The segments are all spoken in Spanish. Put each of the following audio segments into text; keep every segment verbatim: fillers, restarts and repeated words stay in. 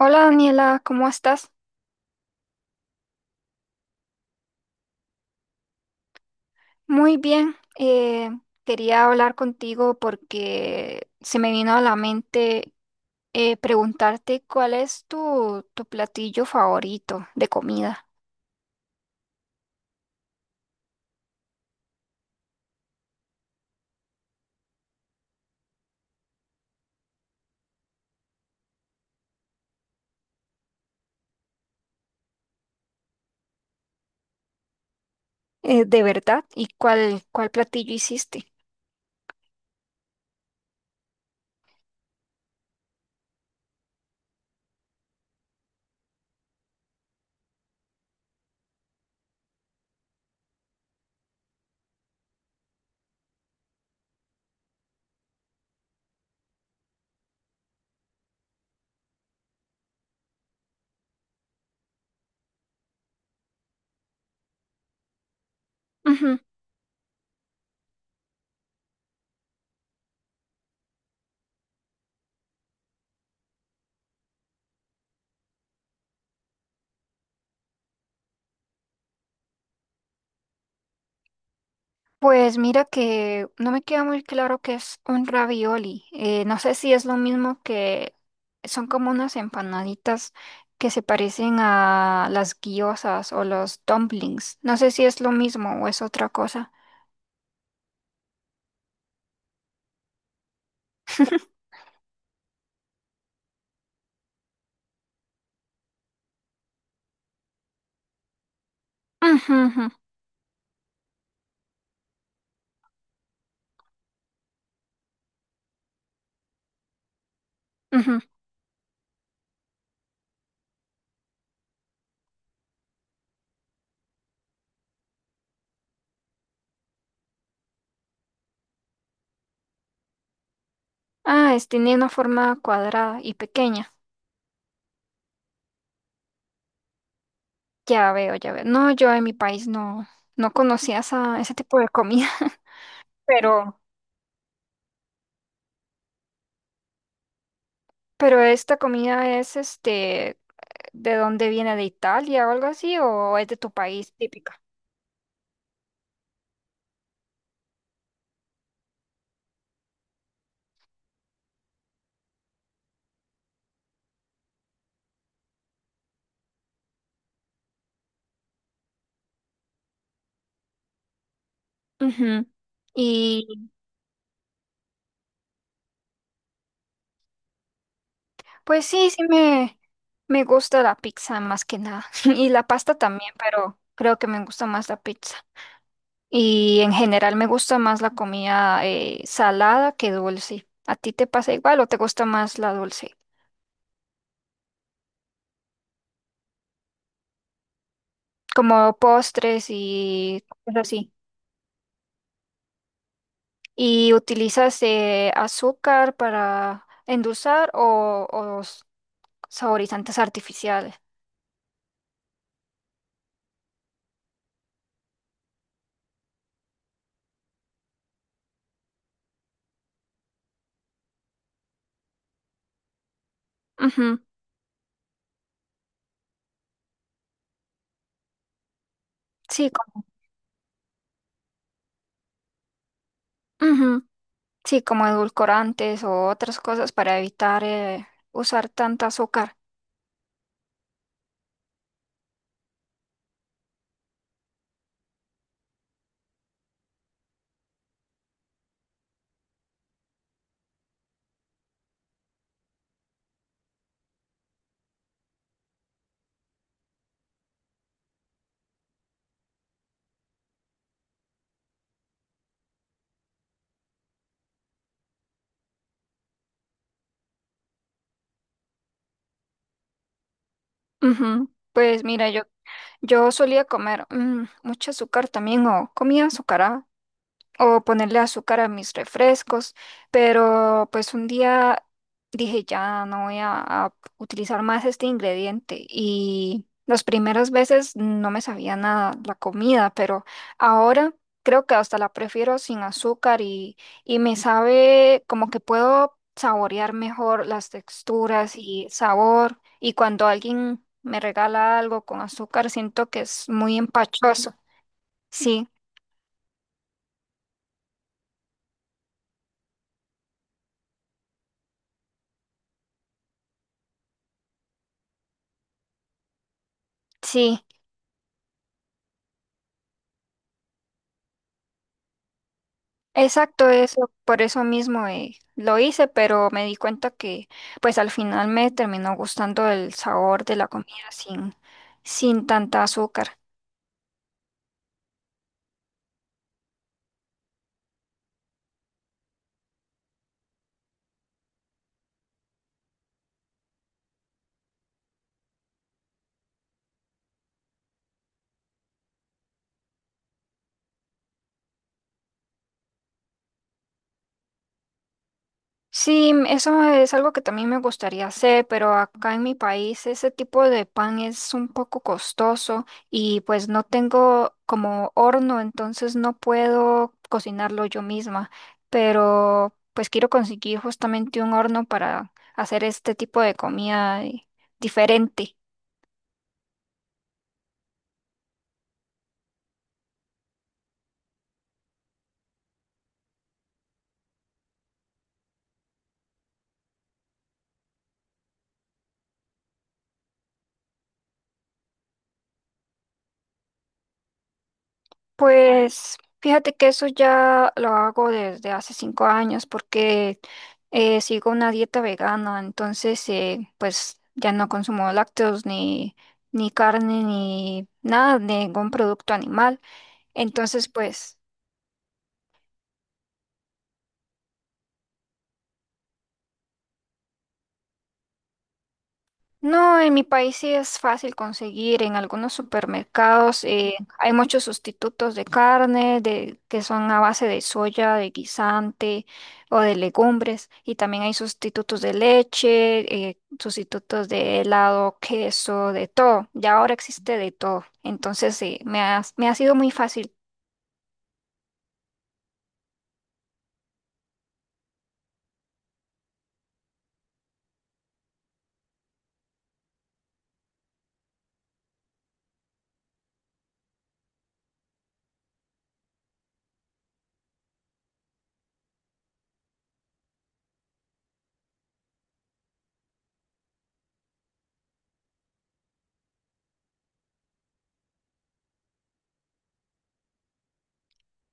Hola Daniela, ¿cómo estás? Muy bien. Eh, quería hablar contigo porque se me vino a la mente eh, preguntarte cuál es tu, tu platillo favorito de comida. Eh, ¿de verdad? Y cuál, ¿cuál platillo hiciste? Pues mira que no me queda muy claro qué es un ravioli. Eh, no sé si es lo mismo que son como unas empanaditas que se parecen a las guiosas o los dumplings. No sé si es lo mismo o es otra cosa. Ujú, ujú, ujú. Ah, es, tiene una forma cuadrada y pequeña. Ya veo, ya veo. No, yo en mi país no, no conocía esa, ese tipo de comida. pero, pero esta comida es este, ¿de dónde viene? ¿De Italia o algo así? ¿O es de tu país típica? Ujú. Y pues sí, sí me, me gusta la pizza más que nada. Y la pasta también, pero creo que me gusta más la pizza. Y en general me gusta más la comida eh, salada que dulce. ¿A ti te pasa igual o te gusta más la dulce? Como postres y cosas así. ¿Y utilizas eh, azúcar para endulzar o, o s- saborizantes artificiales? Ujú. Sí, como, ujú. Sí, como edulcorantes o otras cosas para evitar eh, usar tanta azúcar. Ujú. Pues mira, yo, yo solía comer mm, mucho azúcar también o comía azúcar, ah, o ponerle azúcar a mis refrescos, pero pues un día dije, ya no voy a, a utilizar más este ingrediente, y las primeras veces no me sabía nada la comida, pero ahora creo que hasta la prefiero sin azúcar, y, y me sabe como que puedo saborear mejor las texturas y sabor, y cuando alguien me regala algo con azúcar siento que es muy empachoso. Sí, sí. Exacto, eso, por eso mismo eh, lo hice, pero me di cuenta que pues al final me terminó gustando el sabor de la comida sin, sin tanta azúcar. Sí, m- eso es algo que también me gustaría hacer, pero acá en mi país ese tipo de pan es un poco costoso y pues no tengo como horno, entonces no puedo cocinarlo yo misma, pero pues quiero conseguir justamente un horno para hacer este tipo de comida eh, diferente. Pues fíjate que eso ya lo hago desde hace cinco años porque eh, sigo una dieta vegana, entonces eh, pues ya no consumo lácteos ni, ni carne ni nada, ningún producto animal. Entonces pues no, en mi país sí es fácil conseguir. En algunos supermercados eh, hay muchos sustitutos de carne de, que son a base de soya, de guisante o de legumbres. Y también hay sustitutos de leche, eh, sustitutos de helado, queso, de todo. Ya ahora existe de todo. Entonces sí, me ha, me ha sido muy fácil.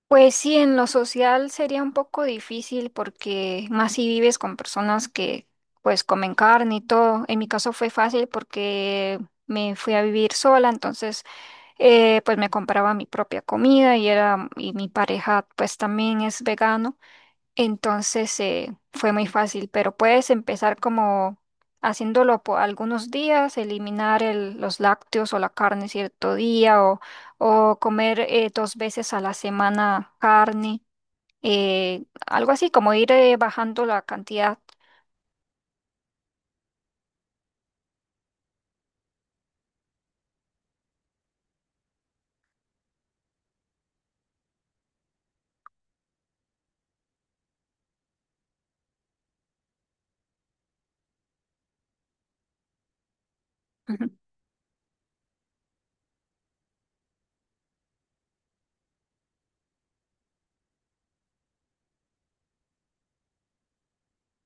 Pues sí, en lo social sería un poco difícil porque más si vives con personas que pues comen carne y todo. En mi caso fue fácil porque me fui a vivir sola, entonces eh, pues me compraba mi propia comida, y era y mi pareja pues también es vegano. Entonces eh, fue muy fácil, pero puedes empezar como haciéndolo por algunos días, eliminar el- los lácteos o la carne cierto día, o, o comer eh, dos veces a la semana carne, eh, algo así como ir eh, bajando la cantidad.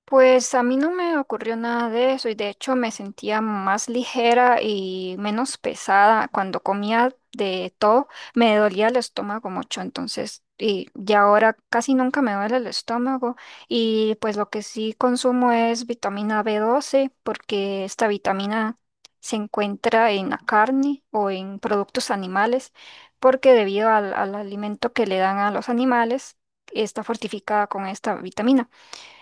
Pues a mí no me ocurrió nada de eso, y de hecho me sentía más ligera y menos pesada cuando comía de todo. Me dolía el estómago mucho, entonces, y ya ahora casi nunca me duele el estómago, y pues lo que sí consumo es vitamina b doce, porque esta vitamina se encuentra en la carne o en productos animales, porque debido al al alimento que le dan a los animales, está fortificada con esta vitamina.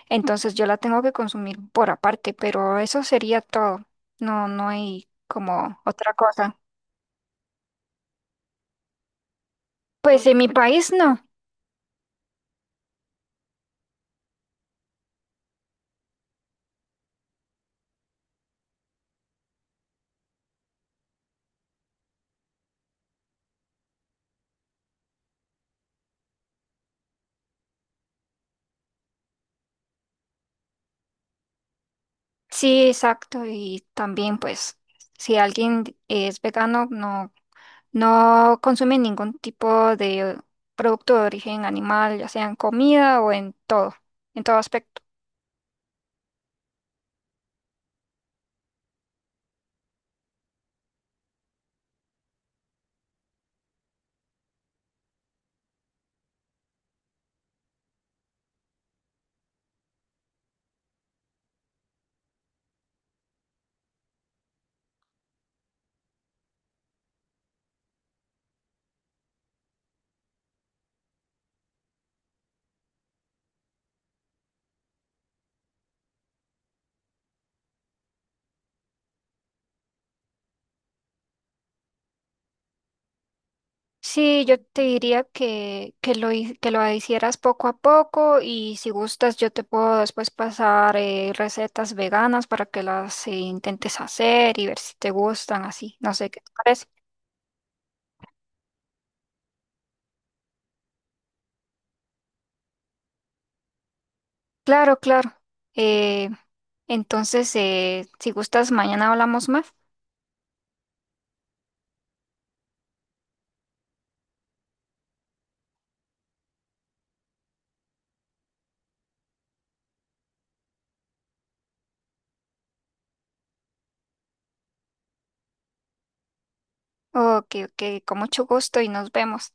Entonces yo la tengo que consumir por aparte, pero eso sería todo. No, no hay como otra cosa. Pues en mi país no. Sí, exacto. Y también pues si alguien es vegano, no, no consume ningún tipo de producto de origen animal, ya sea en comida o en todo, en todo aspecto. Sí, yo te diría que, que lo, hi- que lo hicieras poco a poco, y si gustas yo te puedo después pasar eh, recetas veganas para que las eh, intentes hacer y ver si te gustan así. No sé qué te parece. Claro, claro. Eh, entonces, eh, si gustas, mañana hablamos más. Ok, ok, con mucho gusto y nos vemos.